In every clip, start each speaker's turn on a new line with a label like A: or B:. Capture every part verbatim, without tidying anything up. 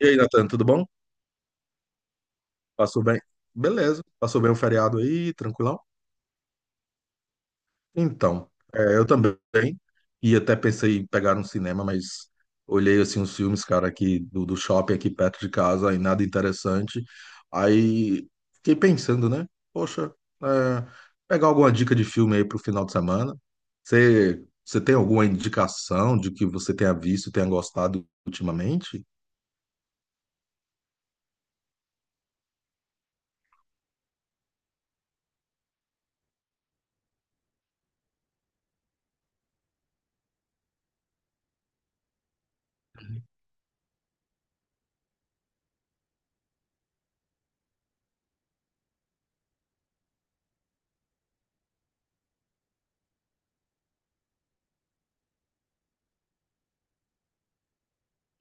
A: E aí, Natan, tudo bom? Passou bem? Beleza, passou bem o feriado aí, tranquilão? Então, é, eu também, e até pensei em pegar um cinema, mas olhei, assim, os filmes, cara, aqui do, do shopping aqui perto de casa, e nada interessante, aí fiquei pensando, né? Poxa, é, pegar alguma dica de filme aí pro final de semana, você, você tem alguma indicação de que você tenha visto, tenha gostado ultimamente?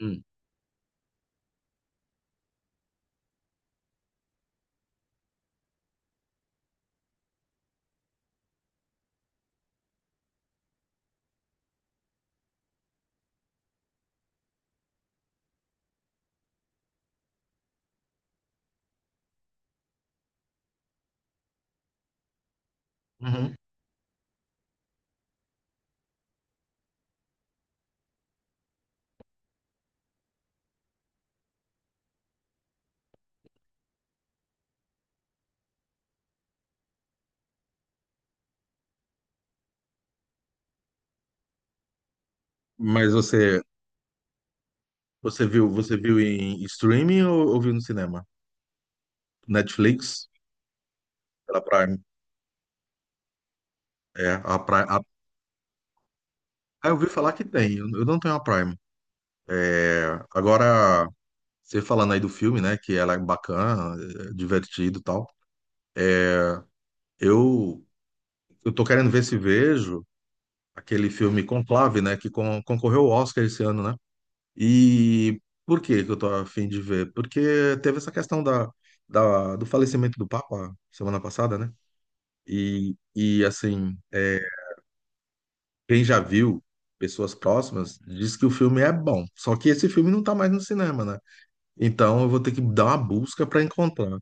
A: Hum. Uhum. Mas você Você viu, você viu em streaming ou, ou viu no cinema? Netflix? Pela Prime. É, a Prime. a- Ah, eu ouvi falar que tem. Eu, eu não tenho a Prime. É, agora, você falando aí do filme, né? Que ela é bacana, é divertido e tal. é, Eu, eu tô querendo ver se vejo aquele filme Conclave, né? Que con- concorreu ao Oscar esse ano, né? E por que que eu tô a fim de ver? Porque teve essa questão da, da- do falecimento do Papa semana passada, né? E, e assim. é, Quem já viu, pessoas próximas, diz que o filme é bom. Só que esse filme não tá mais no cinema, né? Então eu vou ter que dar uma busca para encontrar.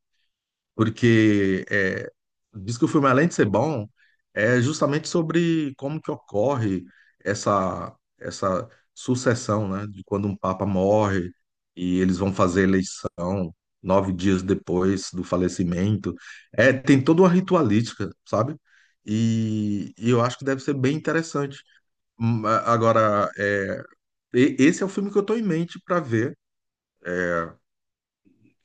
A: Porque é, diz que o filme, além de ser bom, é justamente sobre como que ocorre essa, essa sucessão, né? De quando um papa morre e eles vão fazer eleição nove dias depois do falecimento. É, tem toda uma ritualística, sabe? E, e eu acho que deve ser bem interessante. Hum, a- Agora, é, e- esse é o filme que eu tô em mente para ver,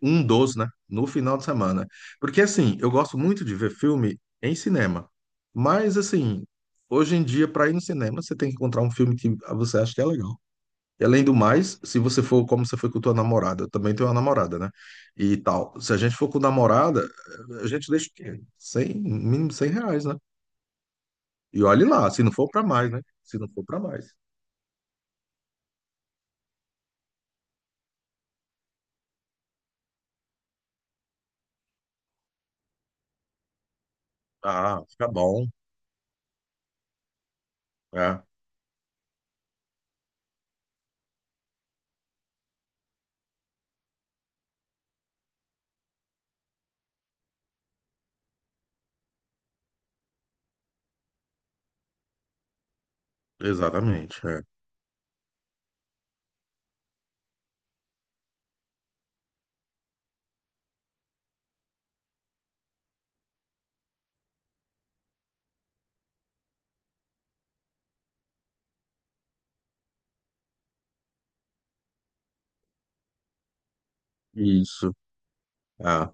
A: um dos, né, no final de semana. Porque, assim, eu gosto muito de ver filme em cinema. Mas, assim, hoje em dia, para ir no cinema, você tem que encontrar um filme que você acha que é legal. E, além do mais, se você for como você foi com tua namorada, eu também tenho uma namorada, né? E tal. Se a gente for com namorada, a gente deixa o quê? cem, mínimo cem reais, né? E olhe lá, se não for para mais, né? Se não for para mais. Ah, fica bom. É, exatamente. é. Isso. Ah,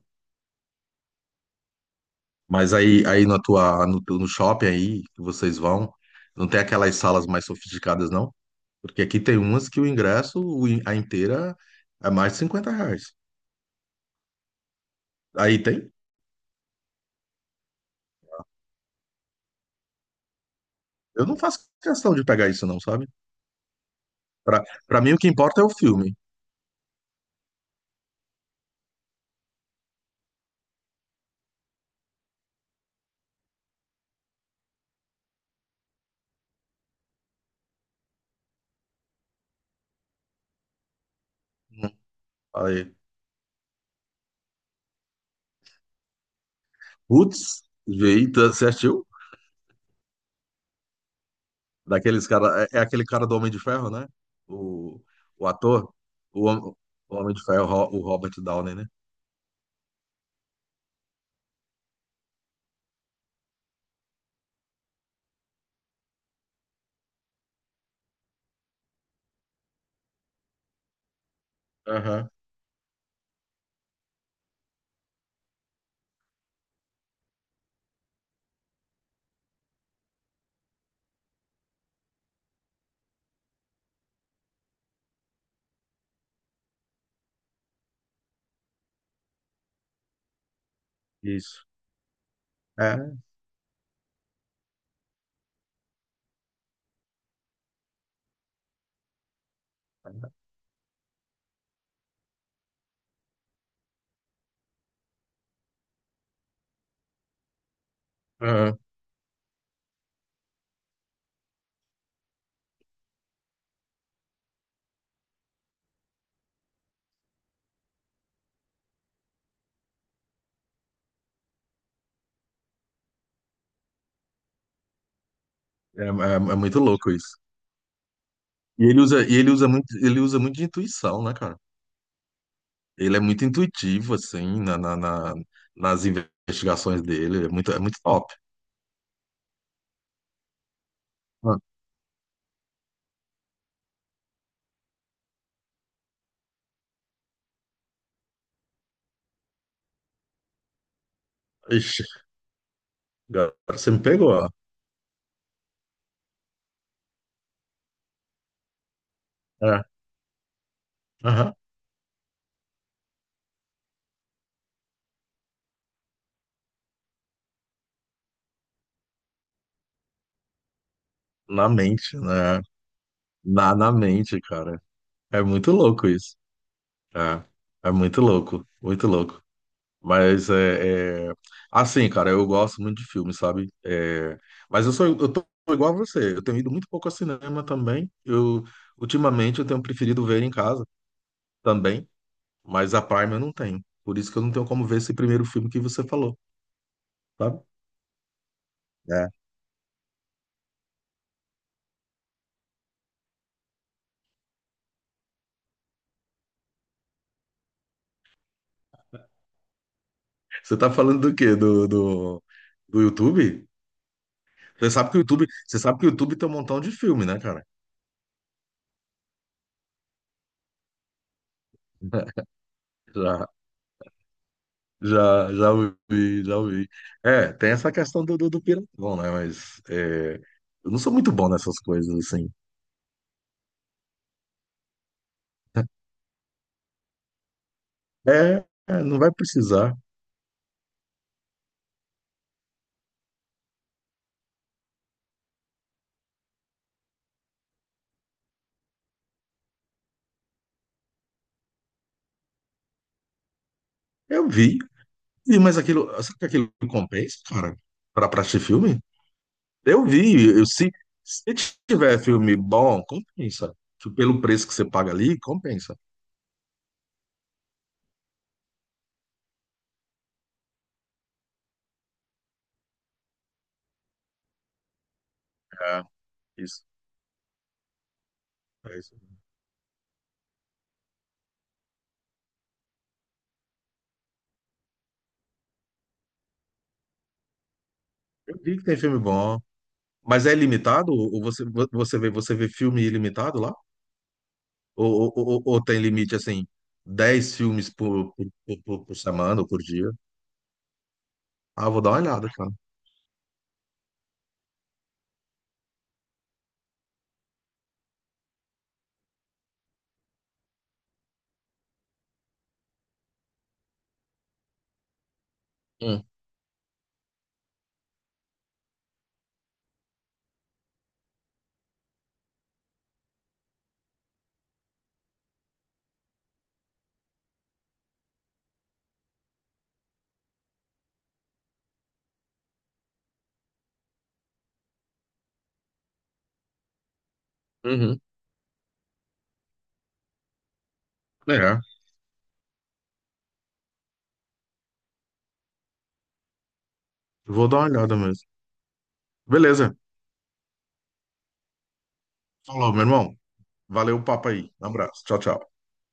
A: mas aí, aí na tua, no, teu- no shopping aí que vocês vão, não tem aquelas salas mais sofisticadas, não? Porque aqui tem umas que o ingresso, o in- a inteira, é mais de cinquenta reais. Aí tem? Eu não faço questão de pegar isso, não, sabe? Pra, pra mim, o que importa é o filme. Hum, Aí. Putz, eita, você assistiu? Daqueles cara, é, é aquele cara do Homem de Ferro, né? O, o ator, o, hom- o Homem de Ferro, o Ro- o Robert Downey, né? Aham, isso. É. Aham. É, é- é muito louco isso. E ele usa, e ele usa muito, ele usa muito de intuição, né, cara? Ele é muito intuitivo, assim, na, na- na- nas investigações dele. É muito, é muito top. Ah, Ixi, agora você me pegou, ó. É, aham. Na mente, né? Na, na mente, cara. É muito louco isso. É, é muito louco, muito louco. Mas é, é- assim, cara, eu gosto muito de filme, sabe? É, mas eu sou eu tô igual a você. Eu tenho ido muito pouco ao cinema também. Eu ultimamente eu tenho preferido ver em casa também, mas a Prime eu não tenho. Por isso que eu não tenho como ver esse primeiro filme que você falou, sabe? É. Você tá falando do quê? Do, do, do YouTube? Você sabe que o YouTube, você sabe que o YouTube tem um montão de filme, né, cara? Já, já ouvi, já ouvi. É, tem essa questão do, do, do piratão, né? Mas é, eu não sou muito bom nessas coisas, assim. É, é, não vai precisar. Eu vi. E, mas aquilo, sabe que aquilo compensa, cara, pra, pra assistir filme? Eu vi. Eu, se, se tiver filme bom, compensa. Tipo, Pelo preço que você paga ali, compensa. É, isso. É isso. Eu vi que tem filme bom. Mas é limitado? Ou você, você vê, você vê filme ilimitado lá? Ou, ou, ou- ou tem limite, assim, dez filmes por, por, por, por semana ou por dia? Ah, vou dar uma olhada, cara. Hum, uhum. É, vou dar uma olhada mesmo. Beleza. Falou, meu irmão. Valeu o papo aí. Um abraço. Tchau, tchau.